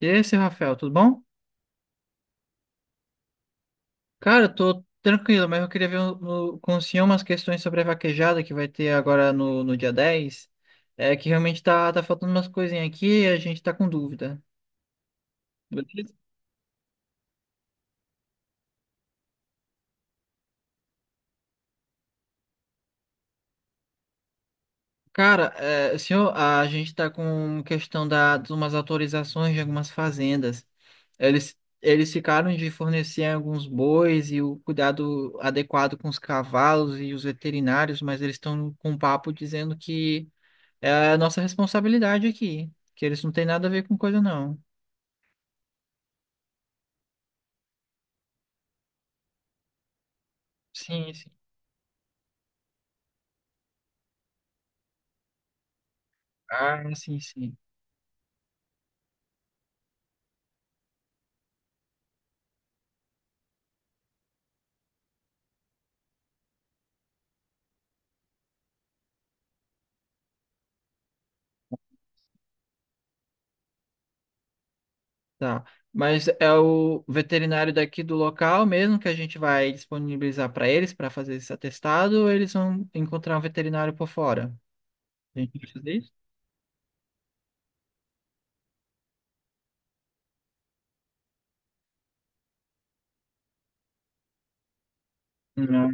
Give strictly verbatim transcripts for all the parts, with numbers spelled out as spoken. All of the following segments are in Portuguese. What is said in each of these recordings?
E esse, Rafael, tudo bom? Cara, eu tô tranquilo, mas eu queria ver um- no- com o senhor umas questões sobre a vaquejada que vai ter agora no, no dia dez. É que realmente tá, tá faltando umas coisinhas aqui e a gente tá com dúvida. Beleza? Cara, é, senhor, a gente tá com questão da, de umas autorizações de algumas fazendas. Eles, eles ficaram de fornecer alguns bois e o cuidado adequado com os cavalos e os veterinários, mas eles estão com um papo dizendo que. É a nossa responsabilidade aqui, que eles não têm nada a ver com coisa, não. Sim, sim. Ah, sim, sim. Tá. Mas é o veterinário daqui do local mesmo que a gente vai disponibilizar para eles para fazer esse atestado, ou eles vão encontrar um veterinário por fora? A gente vai fazer isso?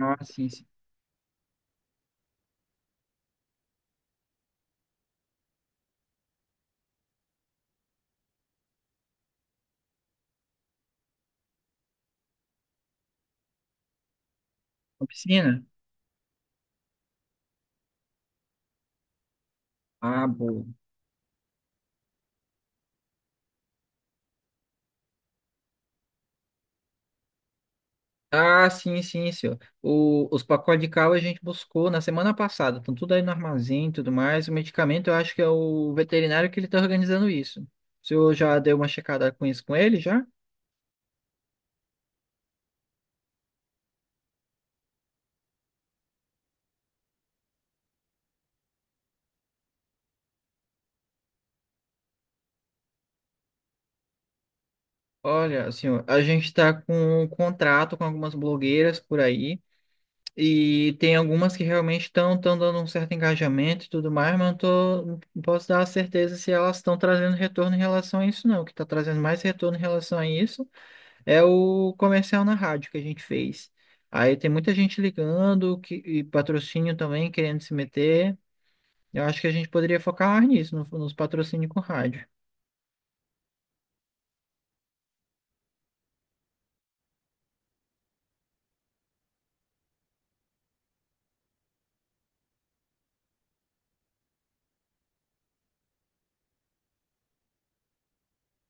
Ah, sim, sim. Oficina? Ah, boa. Ah, sim, sim, senhor. O- os pacotes de cal a gente buscou na semana passada. Estão tudo aí no armazém e tudo mais. O medicamento eu acho que é o veterinário que ele está organizando isso. O senhor já deu uma checada com isso com ele já? Olha, senhor, a gente está com um contrato com algumas blogueiras por aí. E tem algumas que realmente estão dando um certo engajamento e tudo mais, mas não, tô, não posso dar certeza se elas estão trazendo retorno em relação a isso, não. O que está trazendo mais retorno em relação a isso. É o comercial na rádio que a gente fez. Aí tem muita gente ligando que, e patrocínio também querendo se meter. Eu acho que a gente poderia focar mais nisso, no- nos patrocínios com rádio.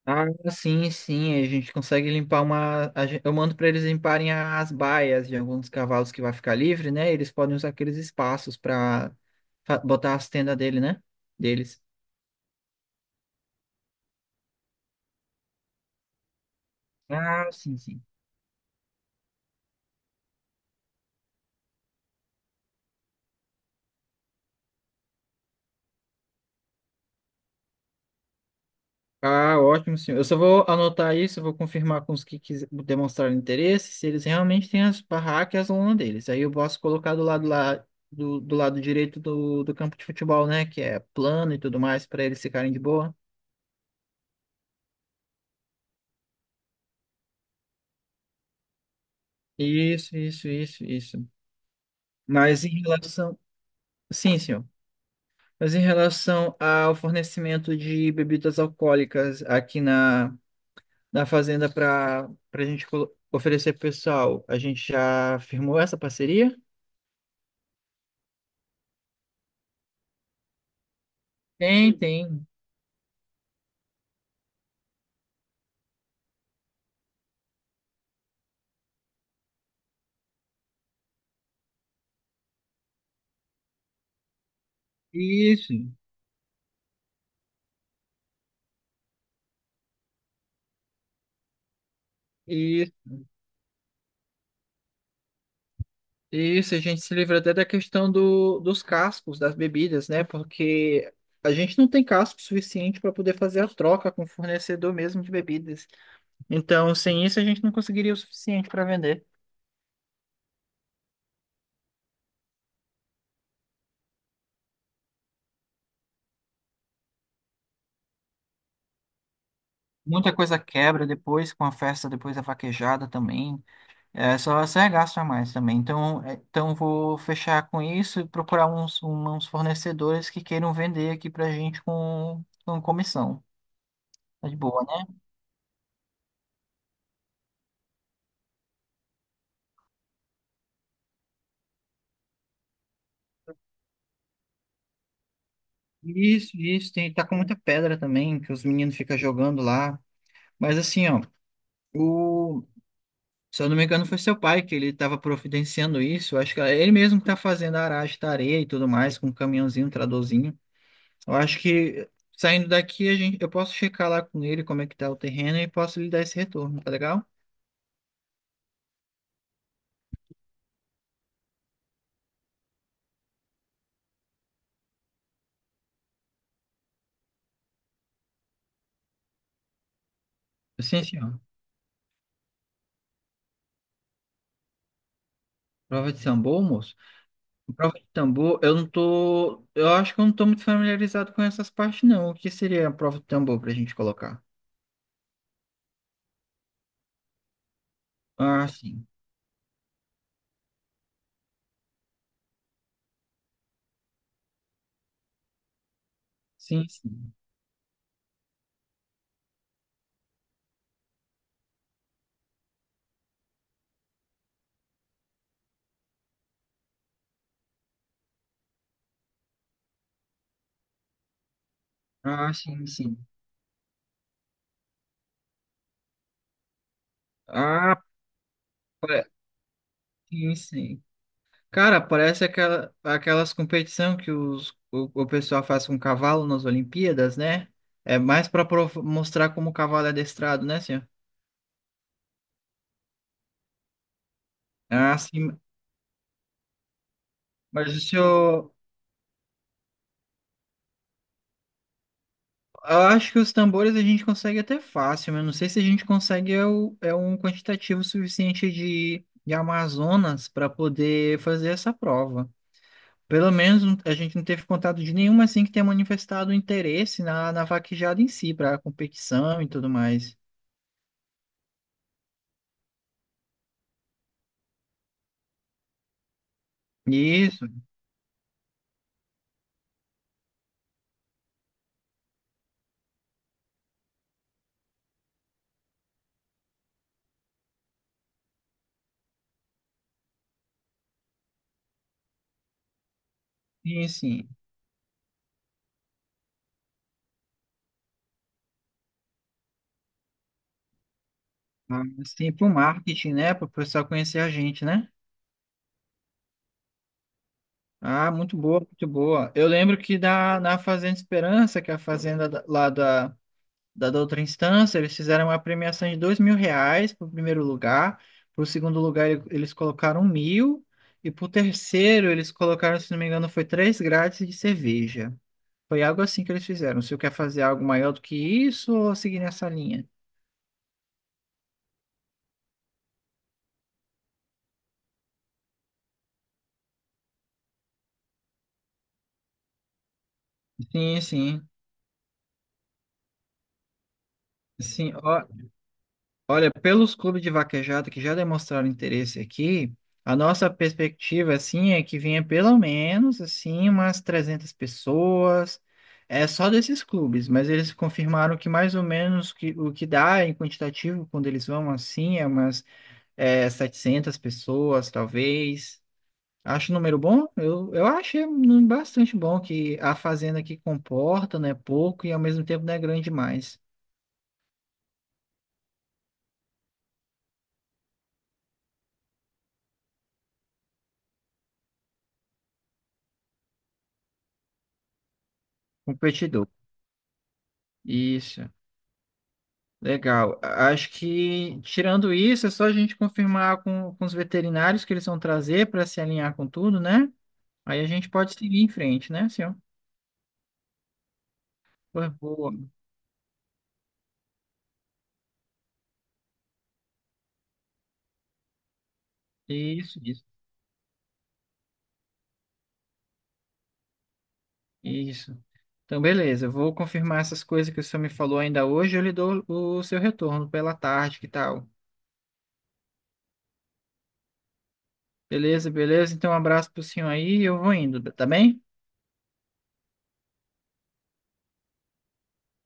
Ah, sim, sim, a gente consegue limpar uma. a gen- Eu mando para eles limparem as baias de alguns cavalos que vai ficar livre, né? Eles podem usar aqueles espaços para botar as tendas dele, né? Deles. Ah, sim, sim. Ah, ótimo, senhor. Eu só vou anotar isso, vou confirmar com os que quis- demonstraram interesse, se eles realmente têm as barracas e as lona deles. Aí eu posso colocar do lado lá, do, do lado direito do, do campo de futebol, né? Que é plano e tudo mais, para eles ficarem de boa. Isso, isso, isso, isso. Mas em relação. Sim, senhor. Mas em relação ao fornecimento de bebidas alcoólicas aqui na, na fazenda para para a gente colo- oferecer pro pessoal, a gente já firmou essa parceria? Tem, tem. Isso, isso, isso. A gente se livra até da questão do, dos cascos das bebidas, né? Porque a gente não tem casco suficiente para poder fazer a troca com o fornecedor mesmo de bebidas. Então, sem isso, a gente não conseguiria o suficiente para vender. Muita coisa quebra depois, com a festa, depois da vaquejada também. É só, só é gasto a mais também. Então, é, então vou fechar com isso e procurar uns, um- uns fornecedores que queiram vender aqui pra gente com, com comissão. Tá de boa, né? Isso, isso, tem, tá com muita pedra também, que os meninos ficam jogando lá. Mas assim, ó, o, se eu não me engano, foi seu pai que ele tava providenciando isso. Eu acho que ele mesmo que tá fazendo a aragem da areia e tudo mais, com um caminhãozinho, um tradorzinho. Eu acho que saindo daqui, a gente, eu posso checar lá com ele como é que tá o terreno e posso lhe dar esse retorno, tá legal? Assim, assim, ó. Prova de tambor, moço. Prova de tambor, eu não tô. Eu acho que eu não tô muito familiarizado com essas partes, não. O que seria a prova de tambor pra gente colocar? Ah, sim. Sim, sim. Ah, sim, sim. Ah, pa- sim, sim. Cara, parece aquela, aquelas competição que os, o, o pessoal faz com cavalo nas Olimpíadas, né? É mais para mostrar como o cavalo é adestrado, né, senhor? Ah, sim. Mas o senhor, eu acho que os tambores a gente consegue até fácil, mas eu não sei se a gente consegue é, o, é um quantitativo suficiente de, de Amazonas para poder fazer essa prova. Pelo menos não- a gente não teve contato de nenhuma assim que tenha manifestado interesse na, na vaquejada em si, para competição e tudo mais. Isso, sim, sim. Ah, assim, para o marketing, né? Para o pessoal conhecer a gente, né? Ah, muito boa, muito boa. Eu lembro que da, na Fazenda Esperança, que é a fazenda da- lá da, da, da outra instância, eles fizeram uma premiação de dois mil reais para o primeiro lugar. Para o segundo lugar, ele- eles colocaram um mil. E para o terceiro, eles colocaram, se não me engano, foi três grátis de cerveja. Foi algo assim que eles fizeram. Se eu quer fazer algo maior do que isso ou seguir nessa linha? Sim, sim. Sim, ó, olha, pelos clubes de vaquejada que já demonstraram interesse aqui, a nossa perspectiva, assim, é que venha pelo menos, assim, umas trezentas pessoas, é só desses clubes, mas eles confirmaram que mais ou menos que, o que dá em quantitativo quando eles vão, assim, é umas é, setecentas pessoas, talvez. Acho o número bom? Eu, eu achei um número bastante bom, que a fazenda que comporta, né, pouco e ao mesmo tempo não é grande demais. Competidor. Isso. Legal. A- Acho que, tirando isso, é só a gente confirmar com, com os veterinários que eles vão trazer para se alinhar com tudo, né? Aí a gente pode seguir em frente, né, senhor? Boa, boa. Isso, isso, isso. Então, beleza. Eu vou confirmar essas coisas que o senhor me falou ainda hoje. Eu lhe dou o seu retorno pela tarde, que tal? Beleza, beleza. Então, um abraço pro senhor aí e eu vou indo, tá bem?